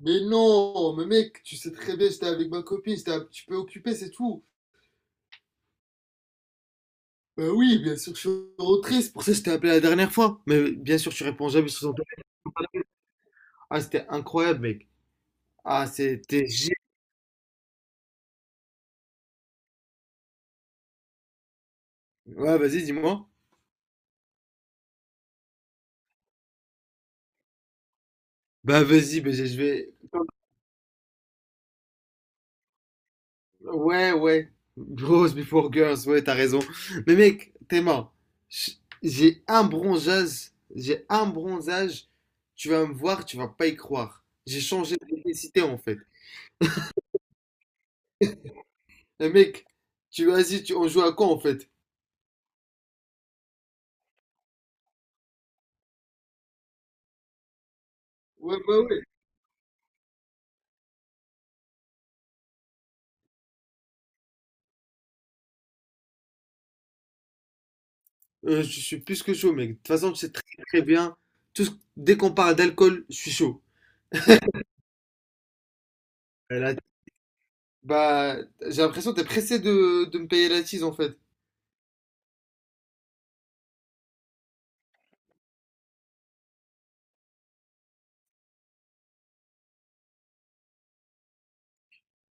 Mais non, mais mec, tu sais très bien, j'étais avec ma copine, j'étais un petit peu occupé, c'est tout. Bah oui, bien sûr, que je suis rentré, c'est pour ça que je t'ai appelé la dernière fois. Mais bien sûr, tu réponds jamais sur son téléphone. Ah, c'était incroyable, mec. Ah, c'était génial. Ouais, vas-y, dis-moi. Bah vas-y, bah, je vais... Ouais, ouais. Bros before girls, ouais, t'as raison. Mais mec, Théma, j'ai un bronzage, tu vas me voir, tu vas pas y croire. J'ai changé de technicité, en fait. Eh mec, on joue à quoi en fait? Ouais, bah ouais. Je suis plus que chaud, mec. De toute façon, tu sais très très bien. Tout ce- Dès qu'on parle d'alcool, je suis chaud. Euh, la- Bah, j'ai l'impression que t'es pressé de me payer la tease en fait.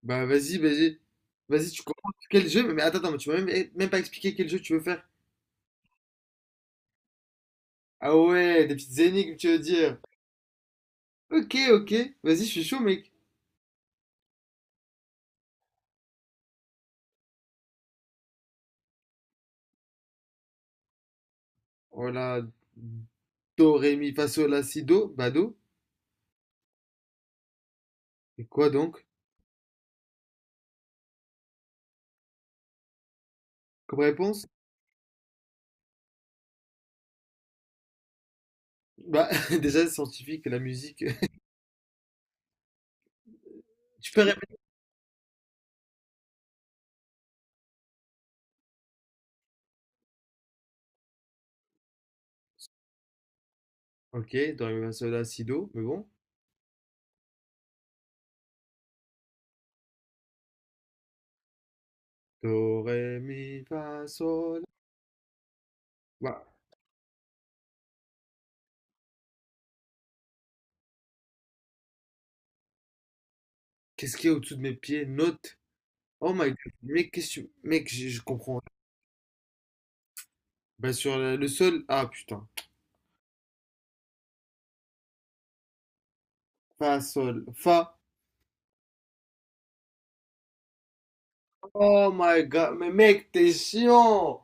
Bah, vas-y, vas-y. Vas-y, tu comprends quel jeu? Mais attends, attends, mais tu m'as même pas expliqué quel jeu tu veux faire. Ah ouais, des petites énigmes, tu veux dire. Ok, ok. Vas-y, je suis chaud, mec. Voilà. Do, ré, mi, fa, sol, la, si, do. Bah, do. Et quoi donc? Comme réponse? Bah, déjà, c'est scientifique, la musique. Tu peux répéter. Ok, do, ré, mi, fa, sol, la, si, do, mais bon. Do, ré, mi, fa, sol. Bah, qu'est-ce qu'il y a au-dessous de mes pieds? Note. Oh my god, mec, Mec, je comprends. Bah, sur le sol. Ah, putain. Fa, sol, fa. Oh my god, mais mec, t'es chiant!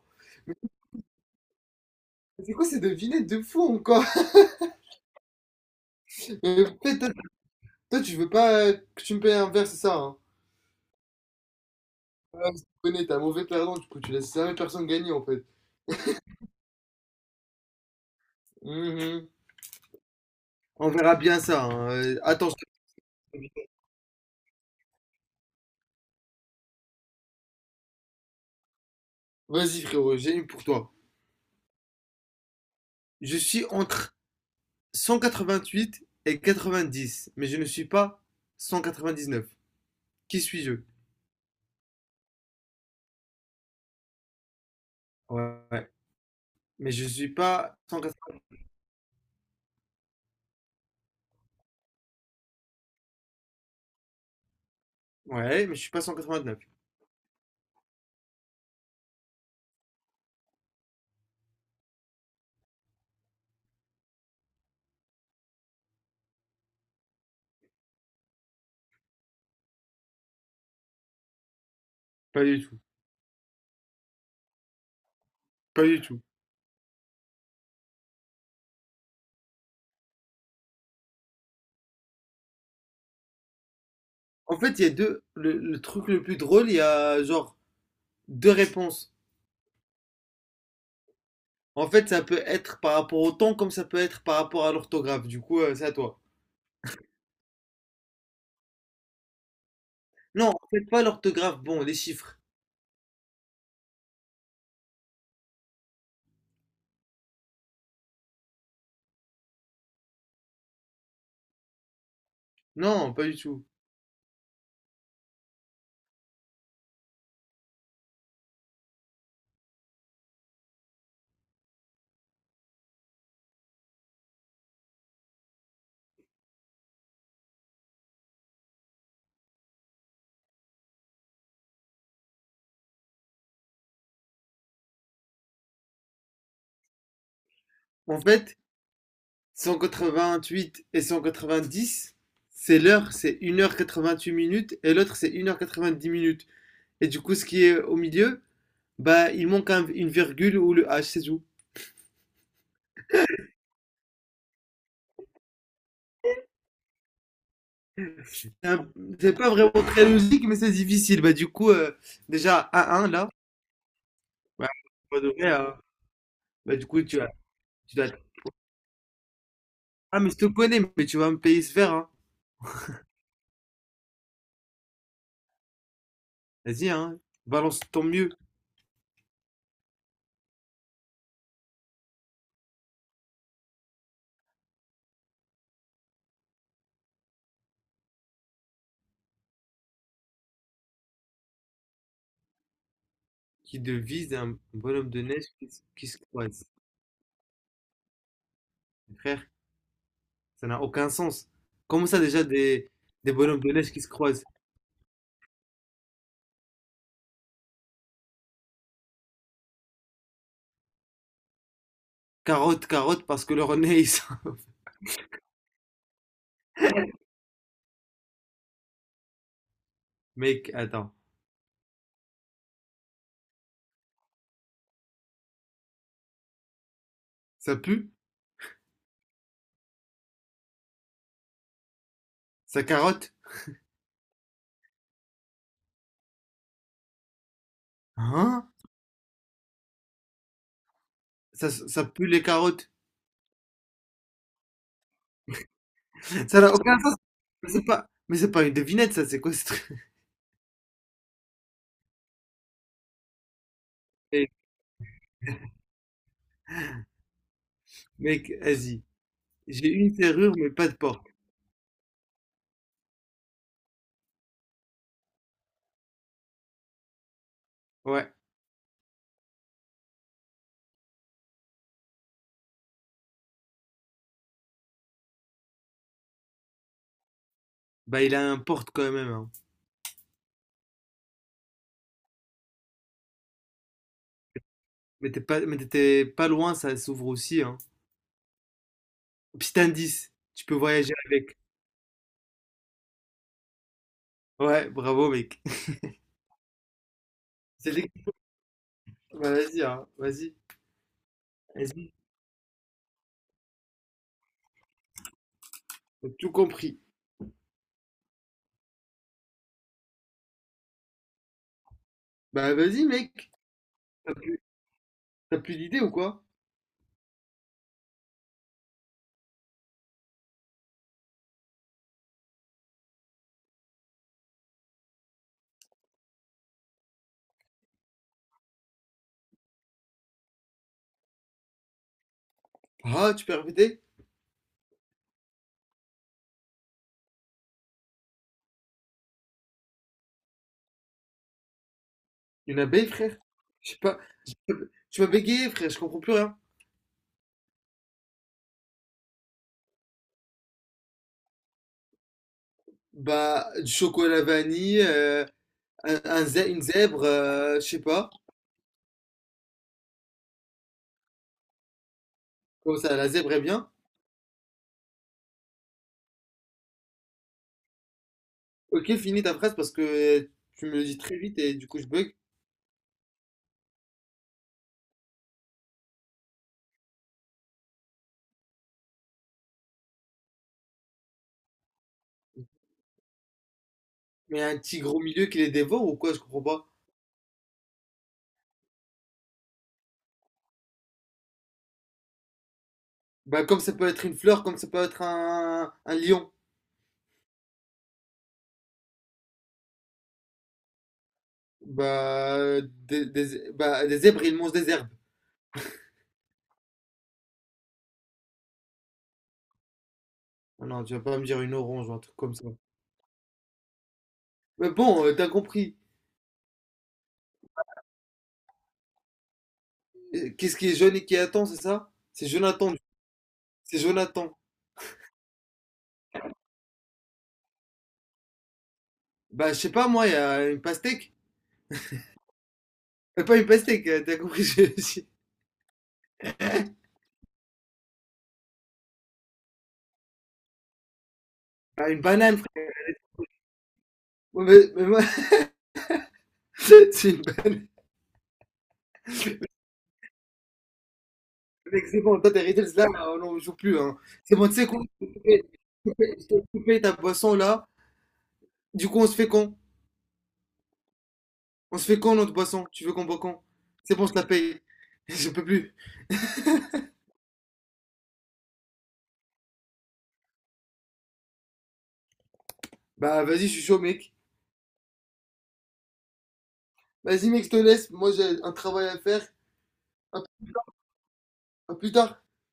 C'est quoi ces devinettes de fou encore? Toi, toi, toi, tu veux pas que tu me payes un verre, c'est ça, hein? Ouais, je connais, t'es un mauvais perdant, du coup, tu laisses jamais personne gagner en fait. Mhm. On verra bien ça, hein. Attention. Vas-y, frérot, j'ai une pour toi. Je suis entre 188 et 90, mais je ne suis pas 199. Qui suis-je? Ouais, ouais. Mais je suis pas 180. Ouais, mais je suis pas 199. Pas du tout. Pas du tout. En fait, il y a deux. Le truc le plus drôle, il y a genre deux réponses. En fait, ça peut être par rapport au temps comme ça peut être par rapport à l'orthographe. Du coup, c'est à toi. Non, en fait, pas l'orthographe. Bon, les chiffres. Non, pas du tout. En fait, 188 et 190, c'est l'heure, c'est une heure 88 minutes, et l'autre c'est une heure 90 minutes. Et du coup, ce qui est au milieu, bah, il manque une virgule ou le H, c'est tout. C'est un- c'est pas vraiment très logique, mais c'est difficile. Bah, du coup, déjà, 1-1 là, bah, pas de vrai, hein. Bah, du coup, tu dois. Ah, mais je te connais, mais tu vas me payer ce verre, hein. Vas-y, hein, balance ton mieux. Qui devise un bonhomme de neige qui se croise. Frère, ça n'a aucun sens. Comment ça déjà des bonhommes de neige qui se croisent? Carotte, carotte, parce que leur nez, ils sont- Mec, attends. Ça pue? Ça carotte? Hein? Ça pue les carottes. Ça n'a aucun sens. Mais c'est pas une devinette, ça, c'est quoi ce truc? Eh, Mec, vas-y. J'ai une serrure, mais pas de porte. Ouais. Bah, il a un porte quand même, hein. Mais t'étais pas loin, ça s'ouvre aussi, hein. Petit indice, tu peux voyager avec. Ouais, bravo, mec. C'est l'équipe. Bah, vas-y, hein. Vas-y. Vas-y. T'as tout compris. Bah vas-y mec, t'as t'as plus d'idées ou quoi? Ah, tu peux répéter? Une abeille frère? Je sais pas. Tu m'as bégayé frère, je comprends plus rien. Bah du chocolat vanille, une zèbre, je sais pas. Comme ça, la zèbre est bien. Ok, finis ta phrase parce que tu me le dis très vite et du coup je bug. Mais un tigre au milieu qui les dévore ou quoi? Je comprends pas. Bah comme ça peut être une fleur, comme ça peut être un lion. Bah bah, des zèbres ils mangent des herbes. Ah, non, tu vas pas me dire une orange ou un truc comme ça. Mais bon, t'as compris. Qu'est-ce qui est jaune et qui attend, c'est ça? C'est Jonathan. C'est Jonathan. Bah, je sais pas, moi, il y a une pastèque. Pas une pastèque, t'as compris. Ah, une banane, frère. Ouais, mais moi, c'est une banane. Mec, c'est bon, toi, t'as hérité de cela, non, on joue plus, hein. C'est bon, tu sais quoi? Je te fais je te fais- je te fais ta boisson, là. Du coup, on se fait quand? On se fait quand, notre boisson? Tu veux qu'on boit quand? C'est bon, je la paye. Je peux plus. Bah, vas-y, je suis chaud, mec. Vas-y mec, je te laisse. Moi j'ai un travail à faire. À à plus tard.